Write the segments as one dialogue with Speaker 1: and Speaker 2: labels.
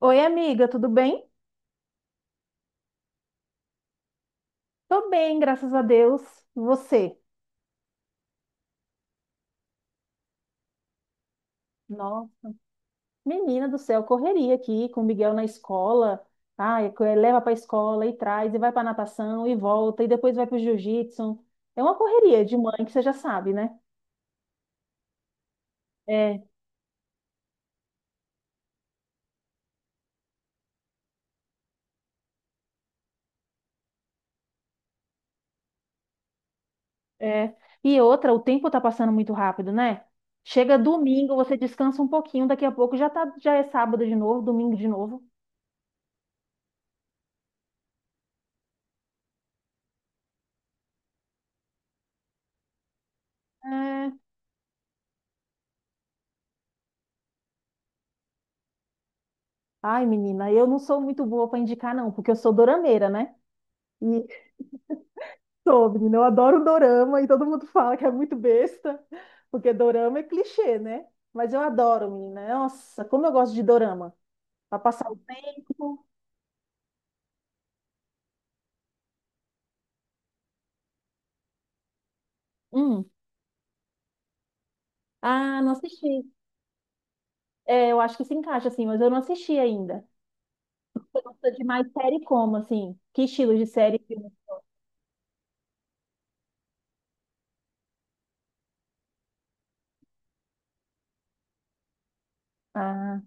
Speaker 1: Oi, amiga, tudo bem? Tô bem, graças a Deus. E você? Nossa, menina do céu, correria aqui com o Miguel na escola. Ai, leva para a escola e traz, e vai para natação e volta, e depois vai para o jiu-jitsu. É uma correria de mãe que você já sabe, né? É, é. E outra, o tempo tá passando muito rápido, né? Chega domingo, você descansa um pouquinho, daqui a pouco já tá, já é sábado de novo, domingo de novo. É. Ai, menina, eu não sou muito boa para indicar, não, porque eu sou dorameira, né? Sou, menina, eu adoro dorama e todo mundo fala que é muito besta, porque dorama é clichê, né? Mas eu adoro, menina. Nossa, como eu gosto de dorama. Pra passar o tempo. Hum. Ah, não assisti. É, eu acho que se encaixa, assim, mas eu não assisti ainda. Você gosta de mais série como, assim? Que estilo de série? Filme? Ah,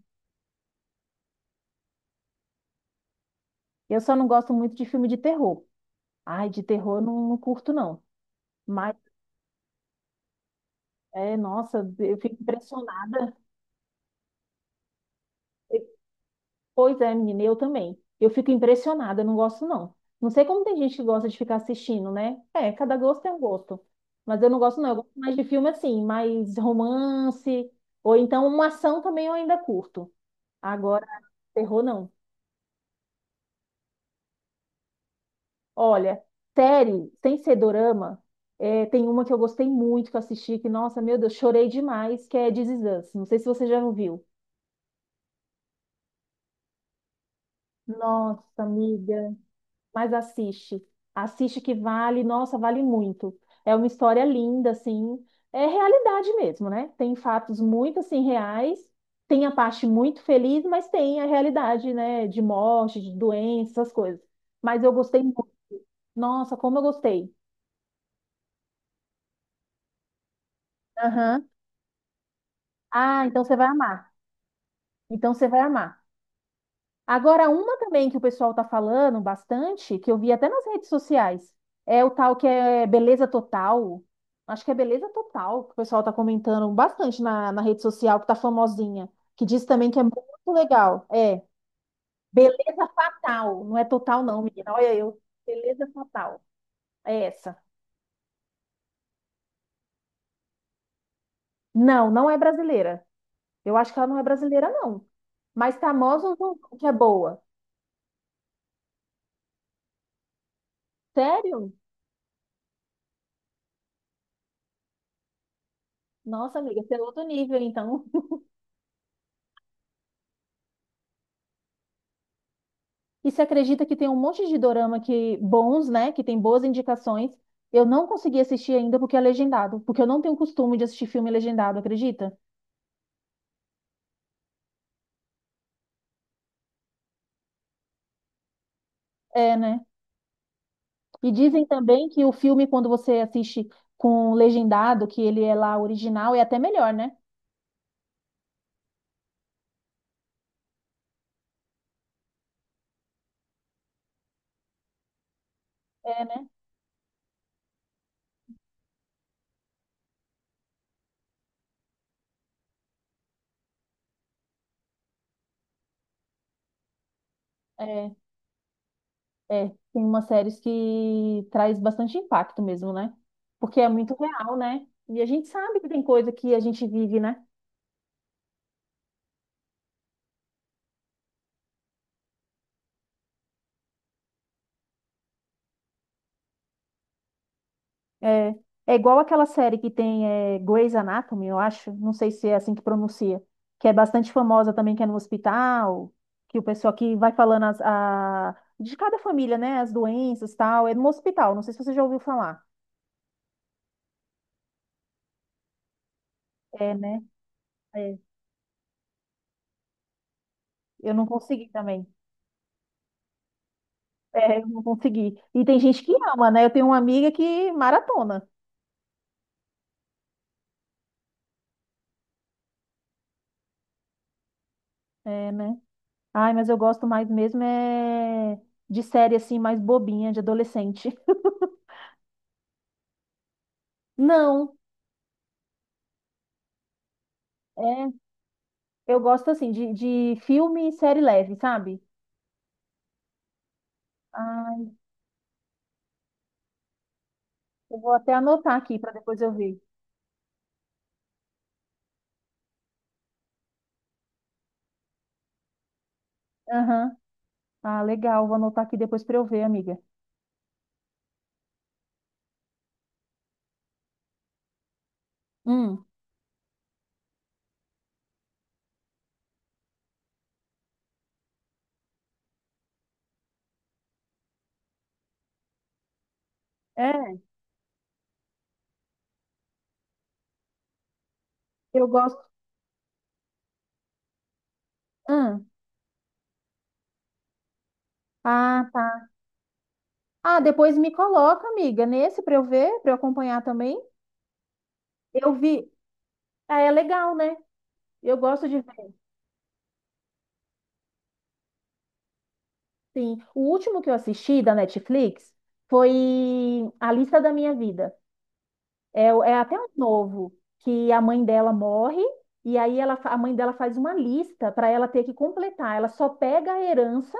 Speaker 1: eu só não gosto muito de filme de terror. Ai, de terror eu não, não curto, não. Mas, é, nossa, eu fico impressionada. Pois é, menina, eu também. Eu fico impressionada, eu não gosto não. Não sei como tem gente que gosta de ficar assistindo, né? É, cada gosto é um gosto. Mas eu não gosto não, eu gosto mais de filme assim, mais romance, ou então uma ação também eu ainda curto. Agora, terror não. Olha, série, sem ser dorama, é, tem uma que eu gostei muito que eu assisti, que, nossa, meu Deus, chorei demais, que é This Is Us. Não sei se você já ouviu. Nossa, amiga. Mas assiste. Assiste que vale, nossa, vale muito. É uma história linda, assim. É realidade mesmo, né? Tem fatos muito, assim, reais. Tem a parte muito feliz, mas tem a realidade, né? De morte, de doença, essas coisas. Mas eu gostei muito. Nossa, como eu gostei. Aham. Ah, então você vai amar. Então você vai amar. Agora, uma também que o pessoal tá falando bastante, que eu vi até nas redes sociais, é o tal que é beleza total. Acho que é beleza total, que o pessoal tá comentando bastante na rede social, que tá famosinha, que diz também que é muito legal. É, beleza fatal. Não é total, não, menina. Olha eu. Beleza fatal. É essa. Não, não é brasileira. Eu acho que ela não é brasileira, não. Mas famosa que é boa. Sério? Nossa, amiga, você é outro nível, então. E se acredita que tem um monte de dorama que bons, né? Que tem boas indicações. Eu não consegui assistir ainda porque é legendado, porque eu não tenho costume de assistir filme legendado, acredita? É, né? E dizem também que o filme, quando você assiste com legendado, que ele é lá original, é até melhor, né? É, né? É, é. Tem umas séries que traz bastante impacto mesmo, né? Porque é muito real, né? E a gente sabe que tem coisa que a gente vive, né? É, é igual aquela série que tem é, Grey's Anatomy, eu acho, não sei se é assim que pronuncia, que é bastante famosa também, que é no hospital, que o pessoal que vai falando de cada família, né, as doenças tal, é no hospital, não sei se você já ouviu falar. É, né? É. Eu não consegui também. É, eu não consegui. E tem gente que ama, né? Eu tenho uma amiga que maratona. É, né? Ai, mas eu gosto mais mesmo é de série assim, mais bobinha, de adolescente. Não. É. Eu gosto assim de filme e série leve, sabe? Ah, eu vou até anotar aqui para depois eu ver. Aham. Ah, legal. Vou anotar aqui depois para eu ver, amiga. Hum. É, eu gosto. Hum. Ah, tá. Ah, depois me coloca, amiga, nesse para eu ver, para eu acompanhar também. Eu vi. Ah, é legal, né? Eu gosto de ver. Sim. O último que eu assisti da Netflix foi A Lista da Minha Vida. É, é até um novo, que a mãe dela morre, e aí ela, a mãe dela faz uma lista para ela ter que completar. Ela só pega a herança,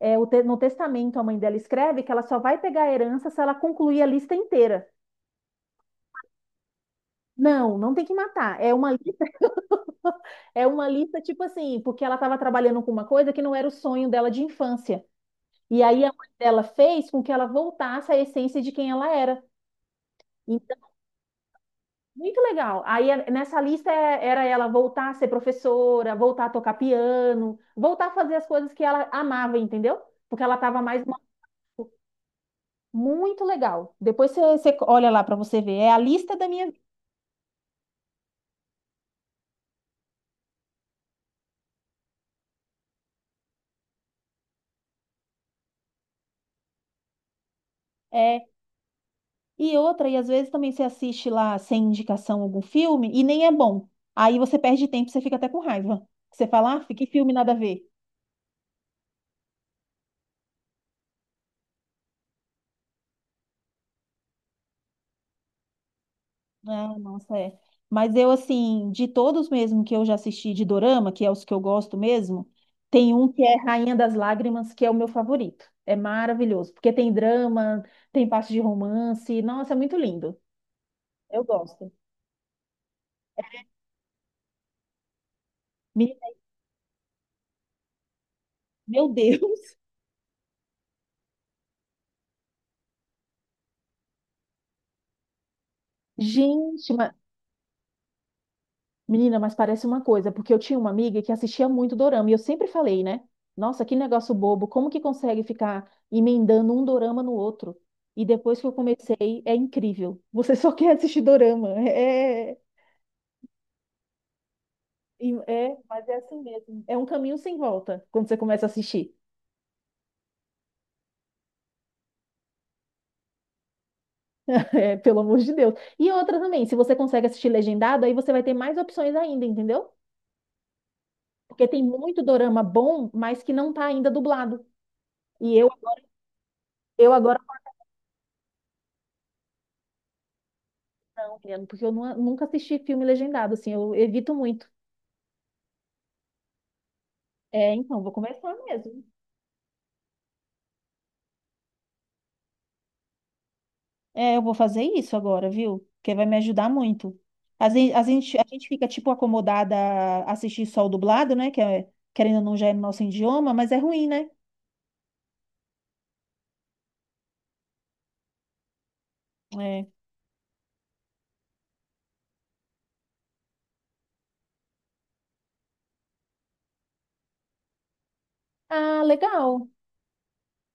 Speaker 1: é, no testamento a mãe dela escreve que ela só vai pegar a herança se ela concluir a lista inteira. Não, não tem que matar. É uma, é uma lista tipo assim, porque ela estava trabalhando com uma coisa que não era o sonho dela de infância. E aí a mãe dela fez com que ela voltasse à essência de quem ela era. Muito legal. Nessa lista era ela voltar a ser professora, voltar a tocar piano, voltar a fazer as coisas que ela amava, entendeu? Porque ela estava muito legal. Depois você, você olha lá para você ver. É a lista da minha é e outra e às vezes também você assiste lá sem indicação algum filme e nem é bom. Aí você perde tempo, você fica até com raiva. Você fala, ah, que filme nada a ver. Ah, nossa, é. Mas eu, assim, de todos mesmo que eu já assisti de Dorama, que é os que eu gosto mesmo, tem um que é Rainha das Lágrimas, que é o meu favorito. É maravilhoso, porque tem drama, tem parte de romance. Nossa, é muito lindo. Eu gosto. Me- Meu Deus! Gente, mas menina, mas parece uma coisa, porque eu tinha uma amiga que assistia muito dorama e eu sempre falei, né? Nossa, que negócio bobo, como que consegue ficar emendando um dorama no outro? E depois que eu comecei, é incrível. Você só quer assistir dorama. É, é, mas é assim mesmo. É um caminho sem volta quando você começa a assistir. É, pelo amor de Deus. E outra também, se você consegue assistir legendado, aí você vai ter mais opções ainda, entendeu? Porque tem muito dorama bom, mas que não tá ainda dublado. E eu agora italiano, porque eu nunca assisti filme legendado, assim, eu evito muito. É, então, vou começar mesmo. É, eu vou fazer isso agora, viu? Porque vai me ajudar muito. Às vezes, a gente fica, tipo, acomodada a assistir só o dublado, né? Que é, querendo ou não, já é no nosso idioma, mas é ruim, né? É. Ah, legal.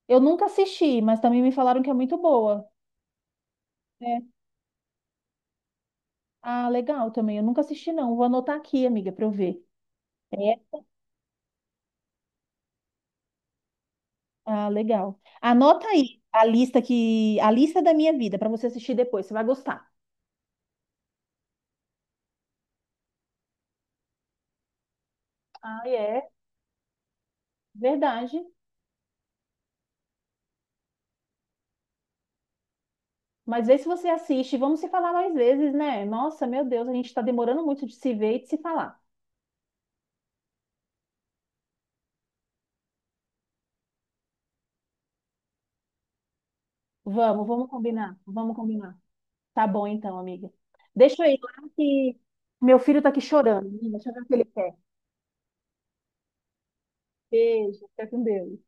Speaker 1: Eu nunca assisti, mas também me falaram que é muito boa. É. Ah, legal também. Eu nunca assisti, não. Vou anotar aqui, amiga, pra eu ver. Ah, legal. Anota aí a lista que a lista da minha vida para você assistir depois, você vai gostar. Ah, é, verdade. Mas vê se você assiste, vamos se falar mais vezes, né? Nossa, meu Deus, a gente está demorando muito de se ver e de se falar. Vamos, vamos combinar, vamos combinar. Tá bom então, amiga. Deixa eu ir lá que meu filho tá aqui chorando. Menina. Deixa eu ver o que ele quer. Beijo, fica com Deus.